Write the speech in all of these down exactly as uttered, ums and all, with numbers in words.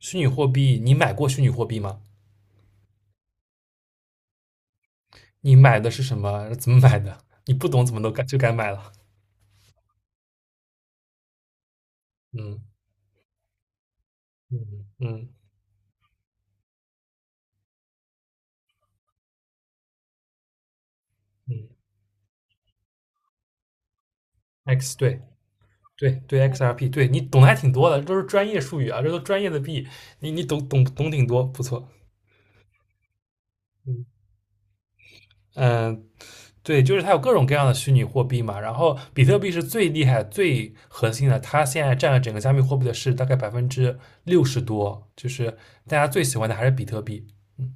虚拟货币，你买过虚拟货币吗？你买的是什么？怎么买的？你不懂怎么都敢就敢买了。嗯嗯嗯嗯，X 对对对 X R P，对，你懂的还挺多的，这都是专业术语啊，这都专业的币，你你懂懂懂挺多，不错。嗯嗯，对，就是它有各种各样的虚拟货币嘛，然后比特币是最厉害、最核心的，它现在占了整个加密货币的市值大概百分之六十多，就是大家最喜欢的还是比特币。嗯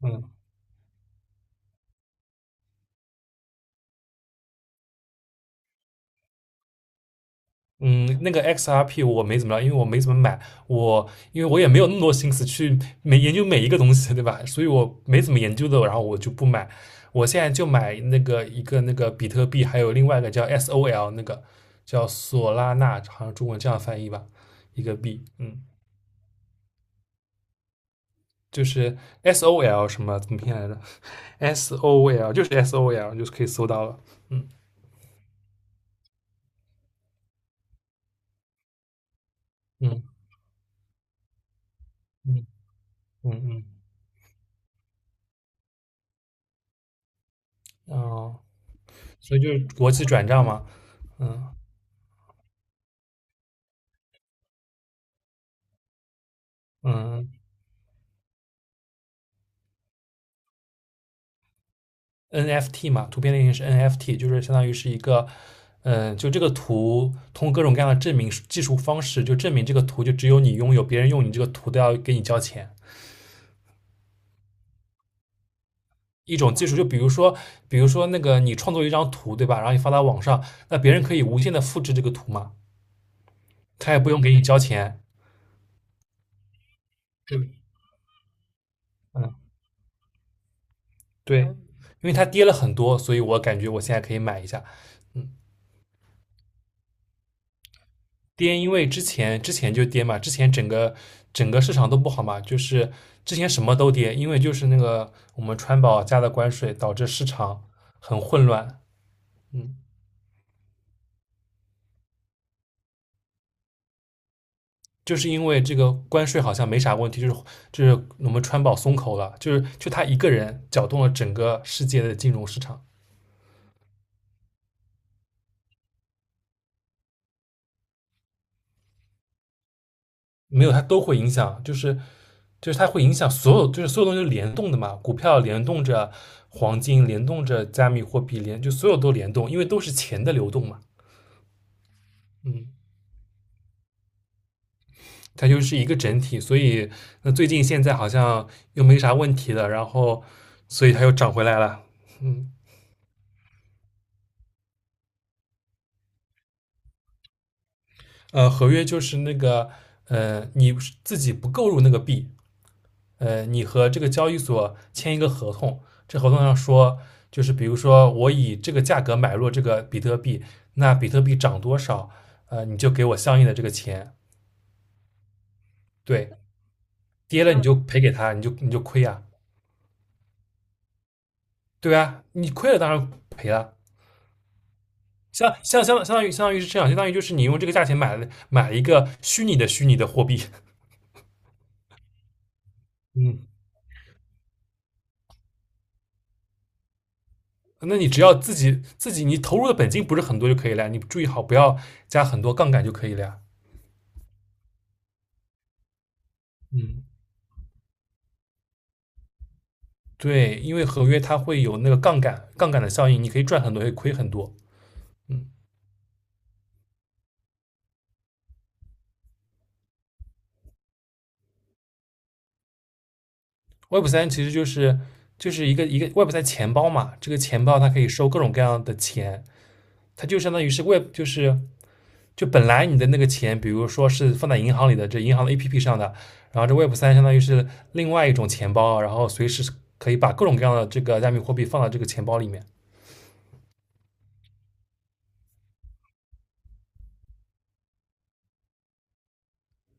嗯。嗯，那个 X R P 我没怎么着，因为我没怎么买，我因为我也没有那么多心思去每研究每一个东西，对吧？所以我没怎么研究的，然后我就不买。我现在就买那个一个那个比特币，还有另外一个叫 S O L，那个叫索拉纳，好像中文这样翻译吧，一个币，嗯，就是 SOL 什么怎么拼来着？S O L 就是 S O L，就是可以搜到了，嗯嗯嗯嗯嗯，哦，所以就是国际转账嘛，嗯嗯。N F T 嘛，图片类型是 N F T，就是相当于是一个，嗯，就这个图通过各种各样的证明技术方式，就证明这个图就只有你拥有，别人用你这个图都要给你交钱。一种技术，就比如说，比如说那个你创作一张图，对吧？然后你发到网上，那别人可以无限的复制这个图嘛，他也不用给你交钱。对，嗯，对，因为它跌了很多，所以我感觉我现在可以买一下。跌，因为之前之前就跌嘛，之前整个整个市场都不好嘛，就是之前什么都跌，因为就是那个我们川宝加的关税导致市场很混乱，嗯，就是因为这个关税好像没啥问题，就是就是我们川宝松口了，就是就他一个人搅动了整个世界的金融市场，没有他都会影响，就是就是它会影响所有，就是所有东西都联动的嘛，股票联动着黄金，联动着加密货币，联就所有都联动，因为都是钱的流动嘛。它就是一个整体，所以那最近现在好像又没啥问题了，然后所以它又涨回来了。嗯，呃，合约就是那个呃，你自己不购入那个币，呃，你和这个交易所签一个合同，这合同上说就是比如说我以这个价格买入这个比特币，那比特币涨多少，呃，你就给我相应的这个钱，对，跌了你就赔给他，你就你就亏啊，对啊，你亏了当然赔了。相相相相当于相当于是这样，相当于就是你用这个价钱买了买一个虚拟的虚拟的货币，嗯，那你只要自己自己你投入的本金不是很多就可以了，你注意好不要加很多杠杆就可以了呀，嗯，对，因为合约它会有那个杠杆杠杆的效应，你可以赚很多，也可以亏很多，嗯，Web 三其实就是就是一个一个 Web 三钱包嘛，这个钱包它可以收各种各样的钱，它就相当于是 Web 就是就本来你的那个钱，比如说是放在银行里的，这银行的 A P P 上的，然后这 Web 三相当于是另外一种钱包，然后随时可以把各种各样的这个加密货币放到这个钱包里面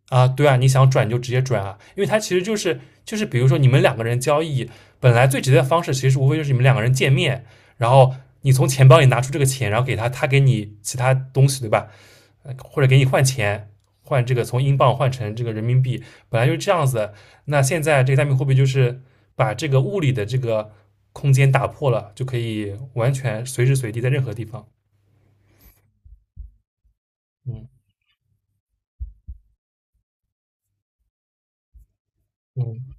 啊。对啊，你想转就直接转啊，因为它其实就是就是比如说你们两个人交易，本来最直接的方式其实无非就是你们两个人见面，然后你从钱包里拿出这个钱，然后给他，他给你其他东西，对吧？呃或者给你换钱，换这个从英镑换成这个人民币，本来就是这样子那现在这个加密货币就是把这个物理的这个空间打破了，就可以完全随时随地在任何地方。嗯嗯，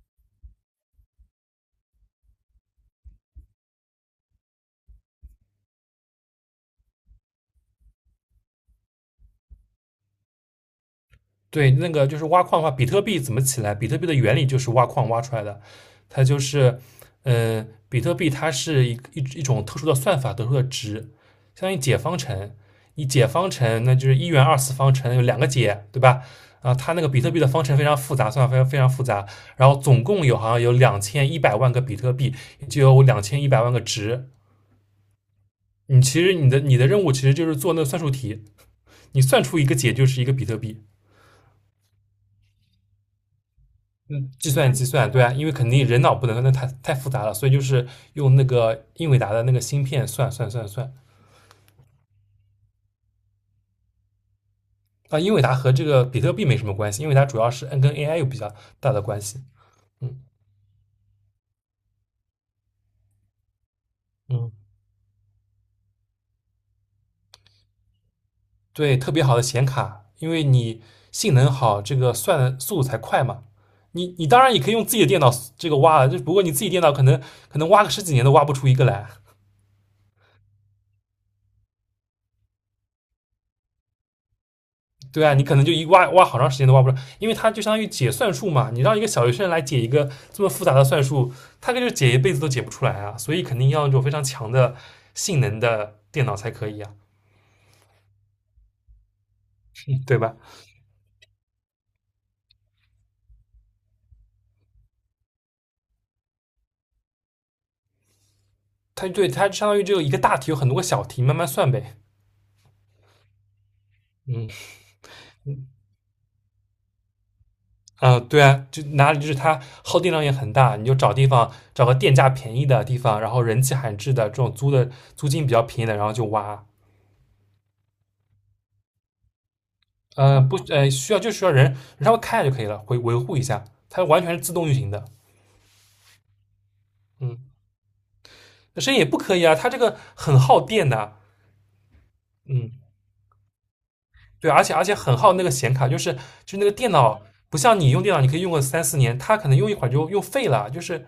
对，那个就是挖矿的话，比特币怎么起来？比特币的原理就是挖矿挖出来的，它就是，呃，比特币它是一一一种特殊的算法得出的值，相当于解方程。你解方程，那就是一元二次方程有两个解，对吧？啊，它那个比特币的方程非常复杂，算法非常非常复杂。然后总共有好像有两千一百万个比特币，就有两千一百万个值。你其实你的你的任务其实就是做那个算术题，你算出一个解就是一个比特币。嗯，计算计算，对啊，因为肯定人脑不能，那太太复杂了，所以就是用那个英伟达的那个芯片算算算算啊。英伟达和这个比特币没什么关系，因为它主要是 N 跟 A I 有比较大的关系。嗯嗯，对，特别好的显卡，因为你性能好，这个算的速度才快嘛。你你当然也可以用自己的电脑这个挖了，就不过你自己电脑可能可能挖个十几年都挖不出一个来。对啊，你可能就一挖挖好长时间都挖不出来，因为它就相当于解算术嘛。你让一个小学生来解一个这么复杂的算术，他可就解一辈子都解不出来啊。所以肯定要那种非常强的性能的电脑才可以啊，嗯对吧？它对它相当于只有一个大题，有很多个小题，慢慢算呗。嗯啊、呃对啊，就哪里就是它耗电量也很大，你就找地方找个电价便宜的地方，然后人迹罕至的这种租的租金比较便宜的，然后就挖。呃，不，呃，需要就需要人人稍微看一下就可以了，维维护一下，它完全是自动运行的。嗯，那声音也不可以啊，它这个很耗电的。啊嗯，对，而且而且很耗那个显卡，就是就是那个电脑，不像你用电脑，你可以用个三四年，它可能用一会儿就用废了，就是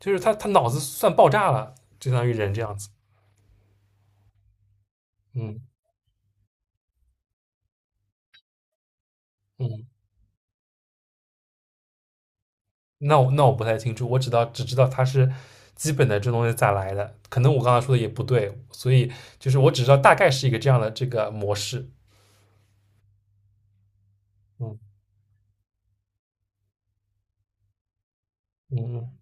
就是它它脑子算爆炸了，就相当于人这样子。嗯嗯，那我那我不太清楚，我只知道只知道它是基本的这东西咋来的，可能我刚才说的也不对，所以就是我只知道大概是一个这样的这个模式。嗯。嗯，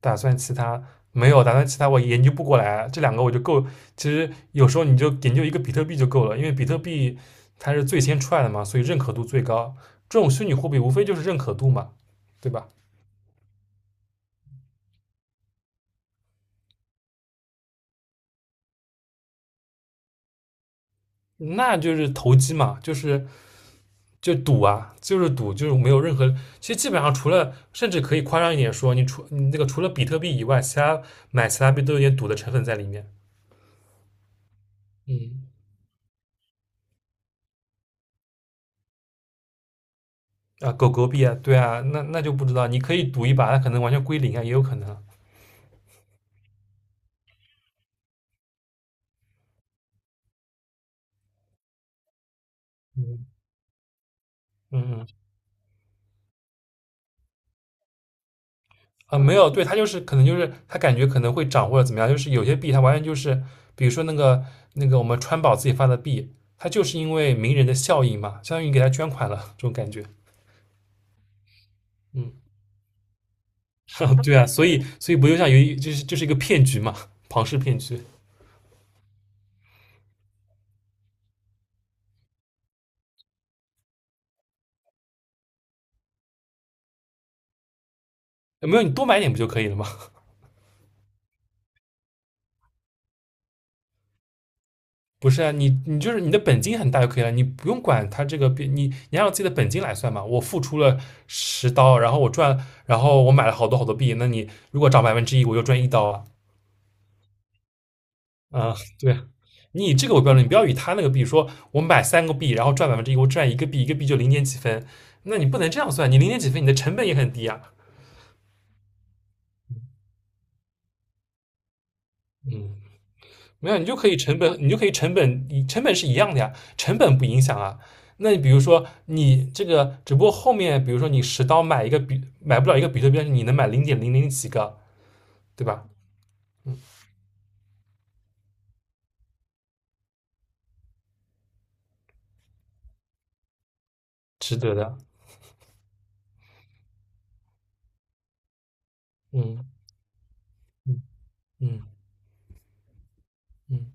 打算其他没有，打算其他我研究不过来啊，这两个我就够。其实有时候你就研究一个比特币就够了，因为比特币它是最先出来的嘛，所以认可度最高。这种虚拟货币无非就是认可度嘛，对吧？那就是投机嘛，就是就赌啊，就是赌，就是没有任何。其实基本上除了，甚至可以夸张一点说，你除你那个除了比特币以外，其他买其他币都有点赌的成分在里面。嗯。啊，狗狗币啊，对啊，那那就不知道，你可以赌一把，它可能完全归零啊，也有可能啊嗯嗯嗯啊，没有，对，它就是可能就是它感觉可能会涨或者怎么样，就是有些币它完全就是，比如说那个那个我们川宝自己发的币，它就是因为名人的效应嘛，相当于给他捐款了这种感觉。嗯，对啊，所以所以不就像有一就是就是一个骗局嘛，庞氏骗局。呃没有，你多买点不就可以了吗？不是啊，你你就是你的本金很大就可以了，你不用管它这个你你按照自己的本金来算嘛。我付出了十刀，然后我赚，然后我买了好多好多币，那你如果涨百分之一，我就赚一刀啊。啊，对，你以这个为标准，你不要以他那个币说，我买三个币，然后赚百分之一，我赚一个币，一个币就零点几分，那你不能这样算，你零点几分，你的成本也很低啊。嗯。没有，你就可以成本，你就可以成本，你成本是一样的呀，成本不影响啊。那你比如说，你这个只不过后面，比如说你十刀买一个比买不了一个比特币，但是你能买零点零零几个，对吧？值得的。嗯嗯嗯嗯。